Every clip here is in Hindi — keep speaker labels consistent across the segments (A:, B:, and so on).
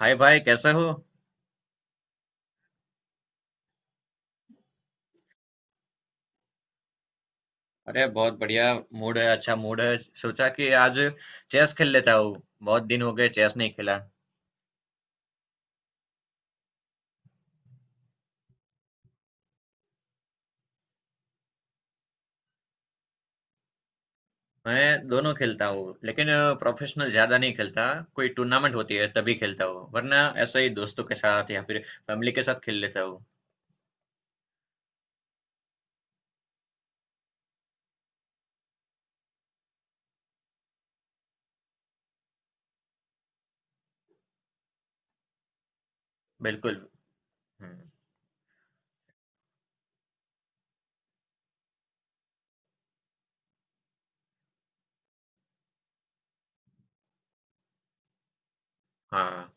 A: हाय भाई, कैसे हो? अरे बहुत बढ़िया मूड है, अच्छा मूड है। सोचा कि आज चेस खेल लेता हूँ। बहुत दिन हो गए चेस नहीं खेला। मैं दोनों खेलता हूँ, लेकिन प्रोफेशनल ज्यादा नहीं खेलता। कोई टूर्नामेंट होती है तभी खेलता हूँ, वरना ऐसे ही दोस्तों के साथ या फिर फैमिली के साथ खेल लेता हूँ। बिल्कुल। हम्म, हाँ।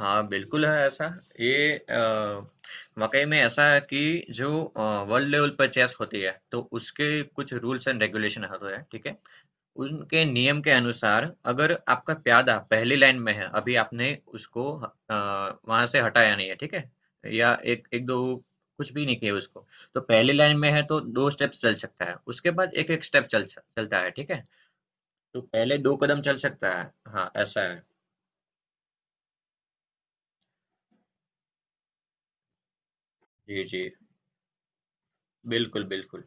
A: हाँ, बिल्कुल है ऐसा। ये अ, वाकई में ऐसा है कि जो वर्ल्ड लेवल पर चेस होती है तो उसके कुछ रूल्स एंड रेगुलेशन होते हैं, ठीक है। उनके नियम के अनुसार, अगर आपका प्यादा पहली लाइन में है, अभी आपने उसको वहाँ से हटाया नहीं है, ठीक है? या एक, 1-2 कुछ भी नहीं किया उसको, तो पहली लाइन में है तो 2 स्टेप्स चल सकता है, उसके बाद 1-1 स्टेप चल स चलता है, ठीक है? तो पहले 2 कदम चल सकता है। हाँ, ऐसा है। जी, जी। बिल्कुल, बिल्कुल।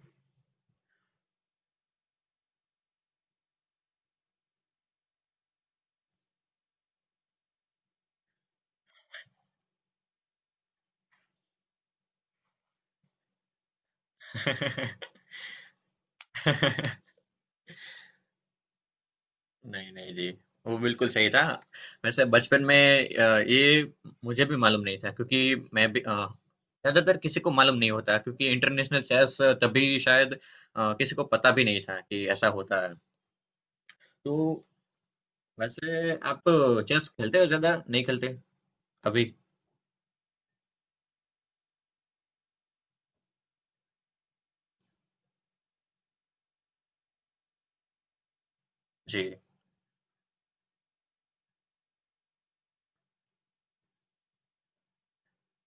A: नहीं, नहीं जी, वो बिल्कुल सही था। वैसे बचपन में ये मुझे भी मालूम नहीं था, क्योंकि मैं भी ज्यादातर किसी को मालूम नहीं होता, क्योंकि इंटरनेशनल चेस तभी शायद किसी को पता भी नहीं था कि ऐसा होता है। तो वैसे आप चेस खेलते हो? ज्यादा नहीं खेलते अभी? जी।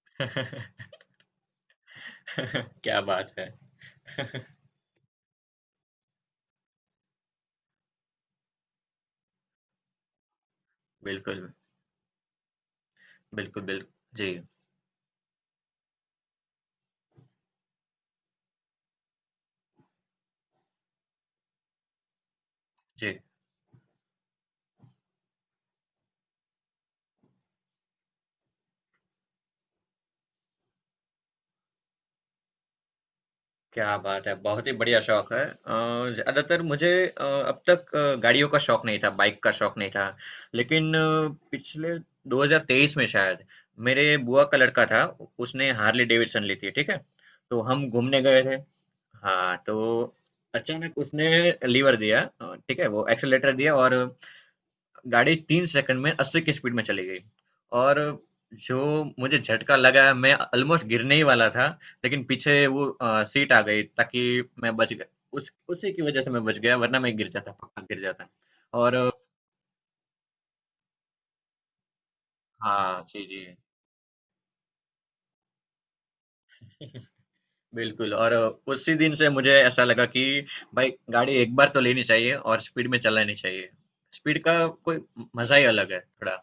A: क्या बात है। बिल्कुल, बिल्कुल, बिल्कुल। जी, जी। क्या बात है, बहुत ही बढ़िया शौक है। ज्यादातर मुझे अब तक गाड़ियों का शौक नहीं था, बाइक का शौक नहीं था। लेकिन पिछले 2023 में शायद, मेरे बुआ का लड़का था, उसने हार्ले डेविडसन ली थी, ठीक है। तो हम घूमने गए थे। हाँ, तो अचानक उसने लीवर दिया, ठीक है, वो एक्सेलेटर दिया और गाड़ी 3 सेकंड में 80 की स्पीड में चली गई। और जो मुझे झटका लगा, मैं ऑलमोस्ट गिरने ही वाला था, लेकिन पीछे वो सीट आ गई, ताकि मैं बच गया। उस उसी की वज़ह से मैं बच गया, वरना मैं गिर जाता, पक्का गिर जाता। और हाँ, जी, जी। बिल्कुल, और उसी दिन से मुझे ऐसा लगा कि भाई, गाड़ी एक बार तो लेनी चाहिए और स्पीड में चलानी चाहिए। स्पीड का कोई मज़ा ही अलग है थोड़ा।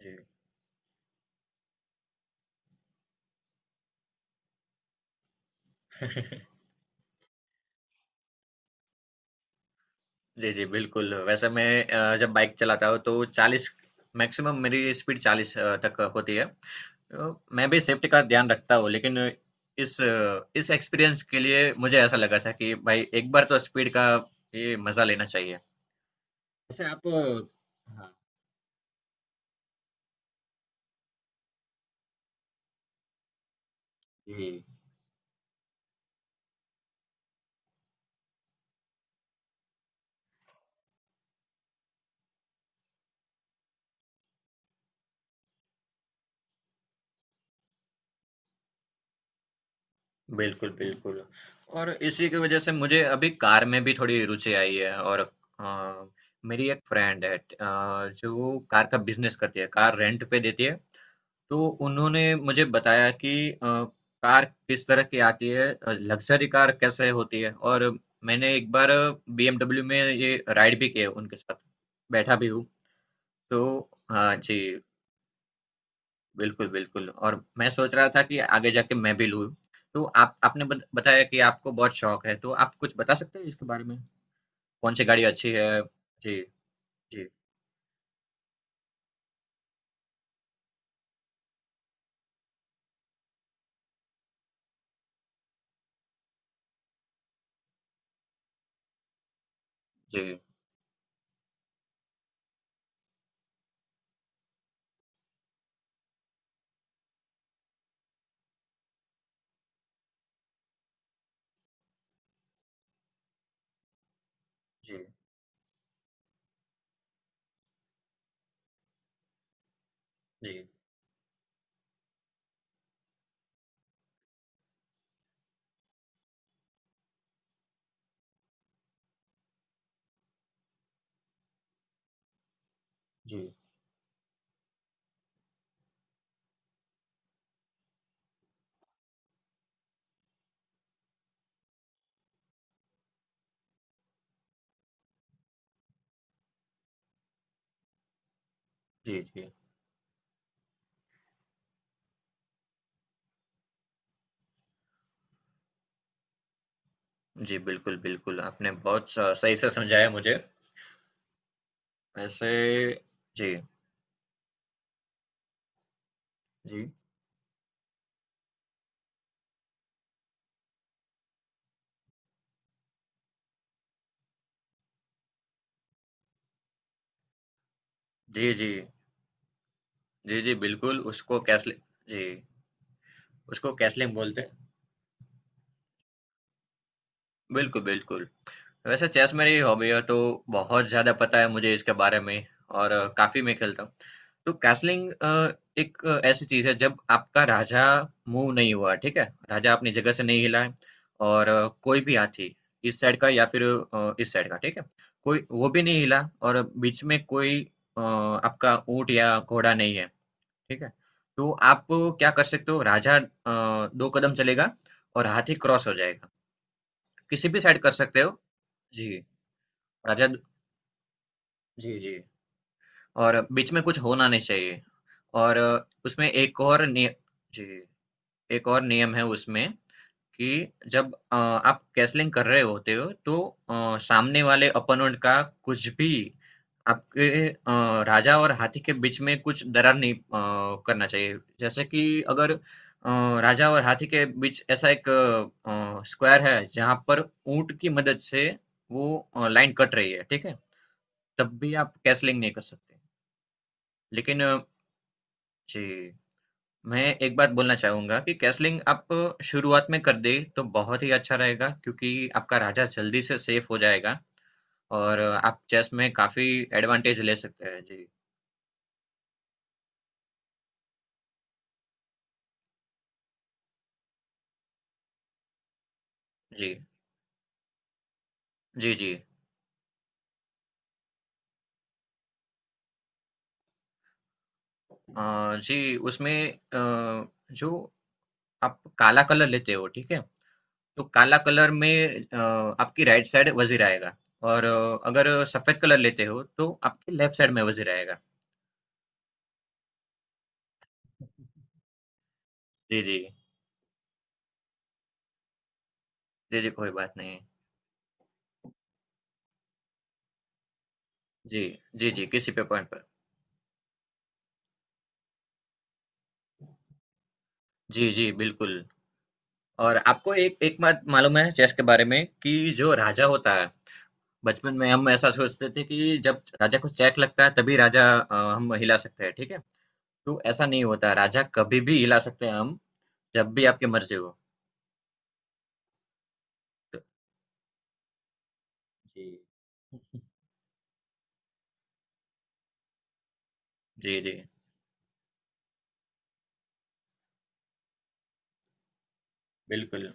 A: जी। जी, जी, बिल्कुल। वैसे मैं जब बाइक चलाता हूँ तो 40, मैक्सिमम मेरी स्पीड 40 तक होती है। मैं भी सेफ्टी का ध्यान रखता हूँ, लेकिन इस एक्सपीरियंस के लिए मुझे ऐसा लगा था कि भाई, एक बार तो स्पीड का ये मजा लेना चाहिए। वैसे आप, हाँ, जी। बिल्कुल, बिल्कुल। और इसी की वजह से मुझे अभी कार में भी थोड़ी रुचि आई है, और अ, मेरी एक फ्रेंड है, जो कार का बिज़नेस करती है, कार रेंट पे देती है। तो उन्होंने मुझे बताया कि कार किस तरह की आती है, लग्ज़री कार कैसे होती है, और मैंने एक बार बीएमडब्ल्यू में ये राइड भी किया उनके साथ, बैठा भी हूँ। तो हाँ जी, बिल्कुल, बिल्कुल, और मैं सोच रहा था कि आगे जाके मैं भी लूँ। तो आप आपने बत बताया कि आपको बहुत शौक है, तो आप कुछ बता सकते हैं इसके बारे में? कौन-सी गाड़ी अच्छी है? जी, जी, जी, जी, जी, जी, जी, जी। जी, बिल्कुल, बिल्कुल, आपने बहुत स सही से समझाया मुझे। वैसे जी, जी। जी, जी। जी, जी, बिल्कुल उसको कैसलि जी, उसको कैसलिंग बोलते हैं। बिल्कुल, बिल्कुल। वैसे चेस मेरी हॉबी है तो बहुत ज़्यादा पता है मुझे इसके बारे में, और काफ़ी मैं खेलता हूँ। तो कैसलिंग एक ऐसी चीज़ है जब आपका राजा मूव नहीं हुआ, ठीक है? राजा अपनी जगह से नहीं हिला है, और कोई भी हाथी इस साइड का या फिर इस साइड का, ठीक है? कोई वो भी नहीं हिला, और बीच में कोई आपका ऊँट या घोड़ा नहीं है। ठीक है? तो आप क्या कर सकते हो? राजा 2 कदम चलेगा और हाथी क्रॉस हो जाएगा। किसी भी साइड कर सकते हो। जी, राजा। जी, जी। और बीच में कुछ होना नहीं चाहिए। और उसमें एक और निय जी, एक और नियम है उसमें, कि जब आप कैसलिंग कर रहे होते हो, तो सामने वाले ओपोनेंट का कुछ भी आपके राजा और हाथी के बीच में कुछ दरार नहीं करना चाहिए, जैसे कि अगर राजा और हाथी के बीच ऐसा एक स्क्वायर है जहां पर ऊंट की मदद से वो लाइन कट रही है, ठीक है। तब भी आप कैसलिंग नहीं कर सकते। लेकिन जी, मैं एक बात बोलना चाहूँगा कि कैसलिंग आप शुरुआत में कर दें, तो बहुत ही अच्छा रहेगा, क्योंकि आपका राजा जल्दी से सेफ हो जाएगा। और आप चेस में काफ़ी एडवांटेज ले सकते हैं। जी, जी। जी, जी। जी, उसमें जो आप काला कलर लेते हो, ठीक है? तो काला कलर में आपकी राइट साइड वज़ीर आएगा, और अगर सफ़ेद कलर लेते हो, तो आपकी लेफ्ट साइड में वज़ीर आएगा। जी, जी। जी, जी, कोई बात नहीं। जी, जी, जी, किसी पे पॉइंट पर। जी, जी, बिल्कुल। और आपको एक एक बात मालूम है चेस के बारे में, कि जो राजा होता है, बचपन में हम ऐसा सोचते थे कि जब राजा को चेक लगता है, तभी राजा हम हिला सकते हैं, ठीक है? तो ऐसा नहीं होता, राजा कभी भी हिला सकते हैं हम, जब भी आपकी मर्ज़ी हो। तो जी, जी, जी, बिल्कुल।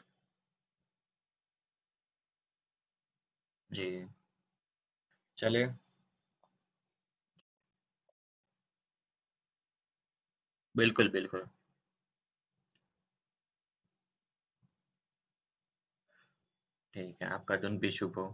A: जी, चलिए। बिल्कुल, बिल्कुल। ठीक है, आपका दिन भी शुभ हो।